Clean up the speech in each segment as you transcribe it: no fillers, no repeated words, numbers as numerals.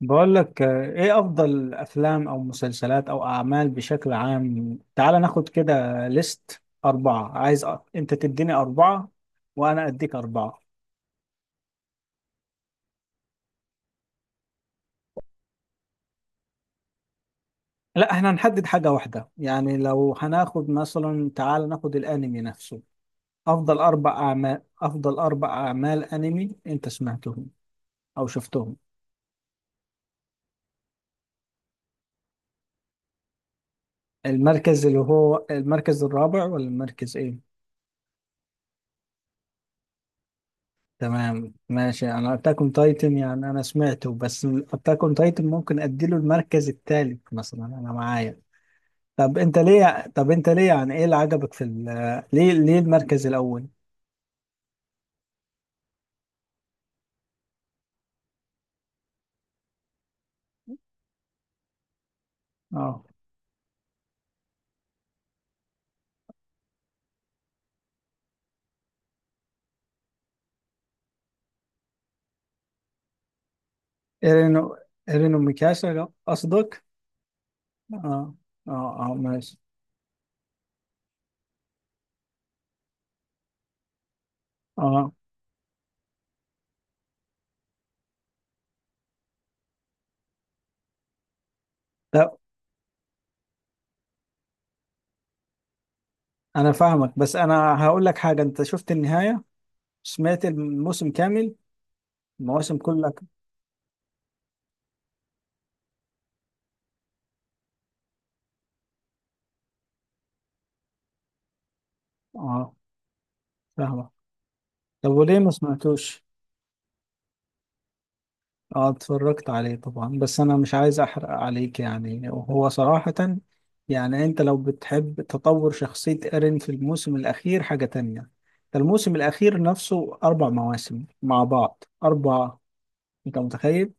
بقول لك ايه افضل افلام او مسلسلات او اعمال بشكل عام، تعال ناخد كده ليست اربعة. عايز انت تديني اربعة وانا اديك اربعة. لا احنا هنحدد حاجة واحدة، يعني لو هناخد مثلا تعال ناخد الانمي نفسه. افضل اربع اعمال افضل اربع اعمال انمي انت سمعتهم او شفتهم؟ المركز اللي هو المركز الرابع ولا المركز ايه؟ تمام ماشي، انا اتاك اون تايتن يعني انا سمعته، بس اتاك اون تايتن ممكن اديله المركز الثالث مثلا انا معايا. طب انت ليه، يعني ايه اللي عجبك في ليه المركز الاول؟ اه، ايرينو ايرينو ميكاشا قصدك. اه اه اه، ماشي. اه طب انا فاهمك، بس انا هقول لك حاجه، انت شفت النهايه؟ سمعت الموسم كامل؟ المواسم كلها؟ اه، فاهمك. طب وليه ما سمعتوش؟ اه، اتفرجت عليه طبعا، بس انا مش عايز احرق عليك يعني، وهو صراحة يعني، انت لو بتحب تطور شخصية ايرين في الموسم الاخير حاجة تانية. ده الموسم الاخير نفسه اربع مواسم مع بعض اربعة، انت متخيل؟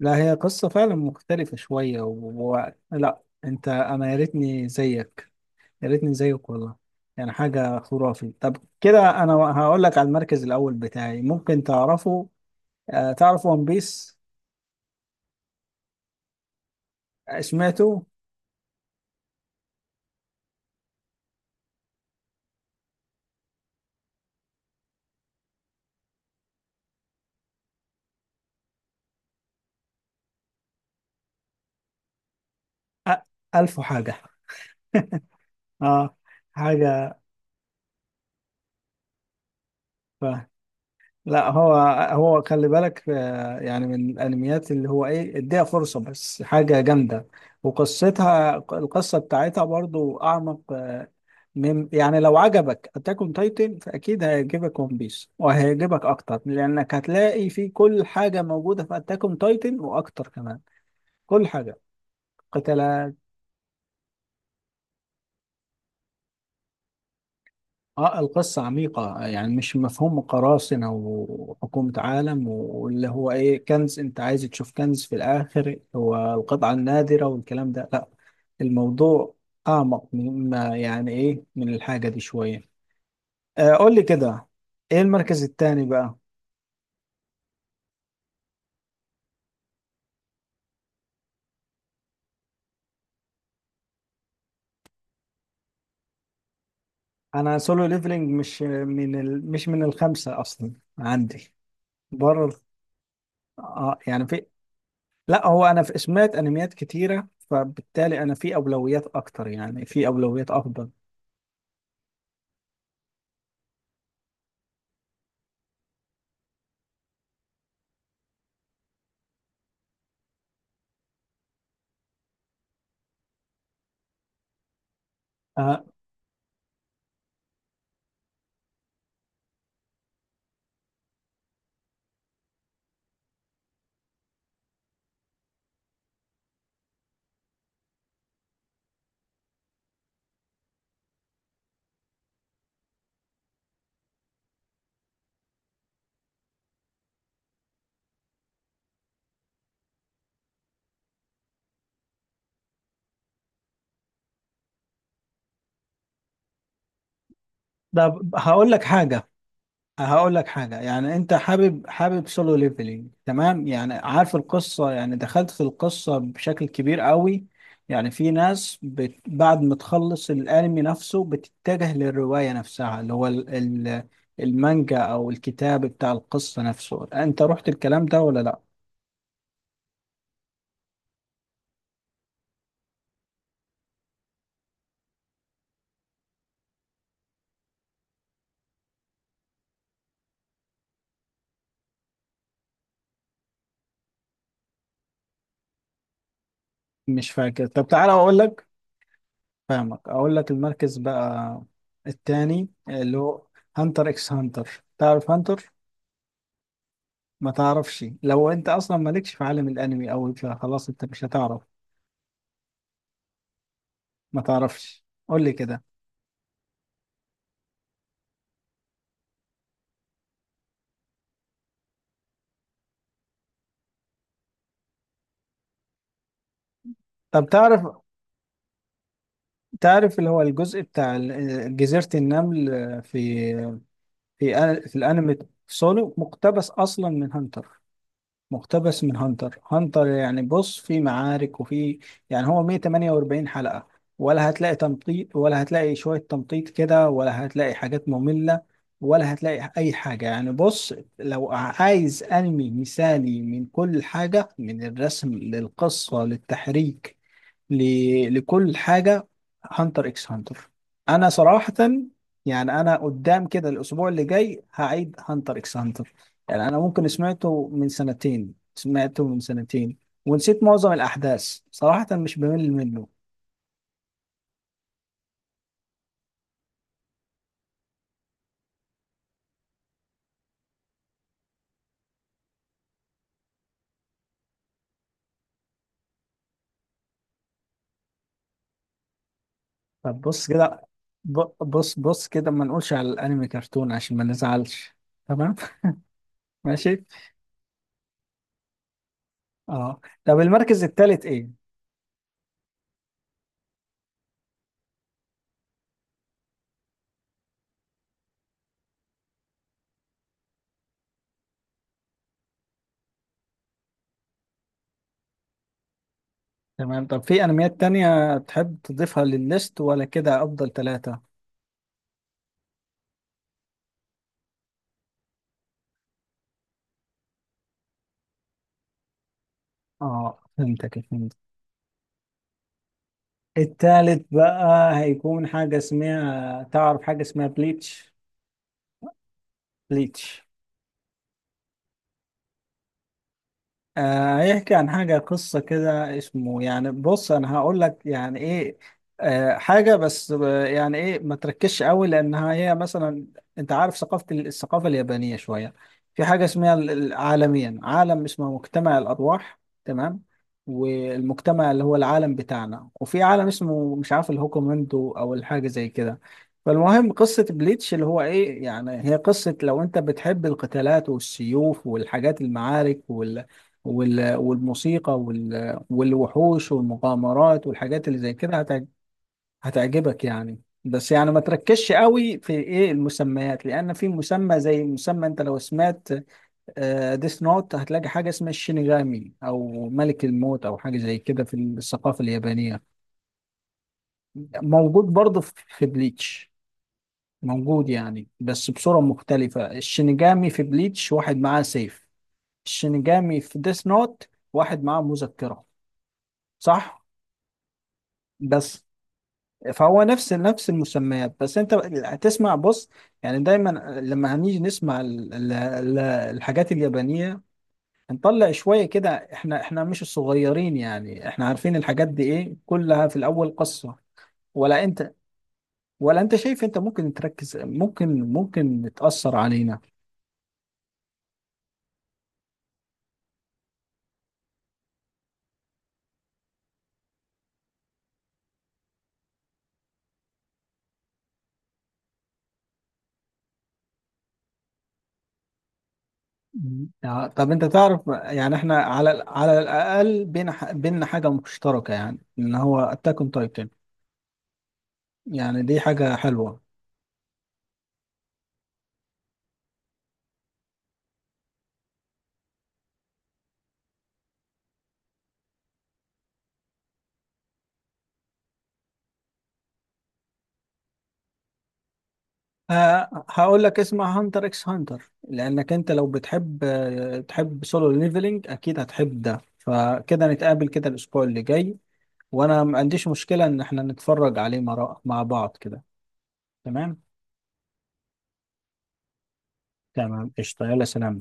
لا هي قصة فعلا مختلفة شوية لا انت، انا يا ريتني زيك، يا ريتني زيك والله. يعني حاجة خرافي. طب كده انا هقول لك على المركز الاول بتاعي، ممكن تعرفه. آه تعرف ون بيس؟ سمعته؟ أ- ألف وحاجة. اه، حاجة. ف... لا هو خلي بالك، يعني من الانميات اللي هو ايه اديها فرصة، بس حاجة جامدة، وقصتها القصة بتاعتها برضو اعمق. من، يعني لو عجبك اتاك اون تايتن فاكيد هيعجبك ون بيس وهيعجبك اكتر، لانك هتلاقي فيه كل حاجة موجودة في اتاك اون تايتن واكتر كمان. كل حاجة. قتال. اه، القصة عميقة، يعني مش مفهوم قراصنة وحكومة عالم واللي هو ايه كنز، انت عايز تشوف كنز في الاخر هو القطعة النادرة والكلام ده، لا. الموضوع اعمق مما يعني ايه من الحاجة دي شوية. قول لي كده، ايه المركز التاني بقى؟ انا سولو ليفلينج مش من الخمسة اصلا عندي. بره ال- اه يعني في، لا هو انا في سمعت انميات كتيرة، فبالتالي انا في اولويات اكتر يعني في اولويات افضل. آه، طب هقول لك حاجة، يعني انت حابب سولو ليفلينج تمام، يعني عارف القصة، يعني دخلت في القصة بشكل كبير قوي. يعني في ناس بعد ما تخلص الانمي نفسه بتتجه للرواية نفسها اللي هو ال... المانجا او الكتاب بتاع القصة نفسه، انت رحت الكلام ده ولا لا؟ مش فاكر. طب تعالى اقول لك، فاهمك، اقول لك المركز بقى التاني اللي هو هانتر اكس هانتر. تعرف هانتر؟ ما تعرفش؟ لو انت اصلا مالكش في عالم الانمي او فخلاص انت مش هتعرف. ما تعرفش، قول لي كده. طب تعرف، اللي هو الجزء بتاع جزيرة النمل في، في الانمي. سولو مقتبس اصلا من هانتر، مقتبس من هانتر هانتر، يعني بص في معارك وفي، يعني هو 148 حلقة، ولا هتلاقي تمطيط، ولا هتلاقي شوية تمطيط كده، ولا هتلاقي حاجات مملة، ولا هتلاقي أي حاجة. يعني بص، لو عايز أنمي مثالي من كل حاجة، من الرسم للقصة للتحريك، لكل حاجة، هانتر اكس هانتر. انا صراحة يعني انا قدام كده الاسبوع اللي جاي هعيد هانتر اكس هانتر. يعني انا ممكن سمعته من سنتين ونسيت معظم الاحداث، صراحة مش بمل منه. طب بص كده، بص كده، ما نقولش على الانمي كرتون عشان ما نزعلش. تمام. ماشي. اه، طب المركز الثالث ايه؟ تمام، طب في انميات تانية تحب تضيفها للليست ولا كده افضل ثلاثة؟ اه، فهمتك، فهمت. التالت بقى هيكون حاجة اسمها، تعرف حاجة اسمها بليتش؟ بليتش. يحكي عن حاجة قصة كده، اسمه يعني بص أنا هقول لك يعني إيه. حاجة، بس يعني إيه ما تركزش قوي لأنها هي مثلا، أنت عارف ثقافة الثقافة اليابانية شوية. في حاجة اسمها عالميا عالم اسمه مجتمع الأرواح. تمام. والمجتمع اللي هو العالم بتاعنا، وفي عالم اسمه مش عارف الهوكومندو أو الحاجة زي كده. فالمهم قصة بليتش اللي هو إيه، يعني هي قصة لو أنت بتحب القتالات والسيوف والحاجات المعارك والموسيقى والوحوش والمغامرات والحاجات اللي زي كده هتعجبك، يعني. بس يعني ما تركزش قوي في ايه المسميات، لان في مسمى زي مسمى، انت لو سمعت ديث نوت هتلاقي حاجه اسمها الشينيغامي او ملك الموت او حاجه زي كده في الثقافه اليابانيه. موجود برضه في بليتش. موجود يعني، بس بصوره مختلفه. الشينيغامي في بليتش واحد معاه سيف، الشينيغامي في ديث نوت واحد معاه مذكره، صح؟ بس فهو نفس المسميات، بس انت هتسمع بص، يعني دايما لما هنيجي نسمع الحاجات اليابانية، هنطلع شوية كده. احنا مش الصغيرين، يعني احنا عارفين الحاجات دي ايه كلها في الاول قصة. ولا انت ولا انت شايف، انت ممكن تركز، ممكن تأثر علينا؟ مم. يعني طب انت تعرف، يعني احنا على على الاقل بينا بينا حاجة مشتركة، يعني ان هو اتاك اون تايتن. يعني دي حاجة حلوة. هقول لك اسمع هانتر اكس هانتر، لانك انت لو بتحب، تحب سولو ليفلنج، اكيد هتحب ده. فكده نتقابل كده الاسبوع اللي جاي، وانا ما عنديش مشكلة ان احنا نتفرج عليه مع بعض كده. تمام. تمام قشطة. يلا سلام.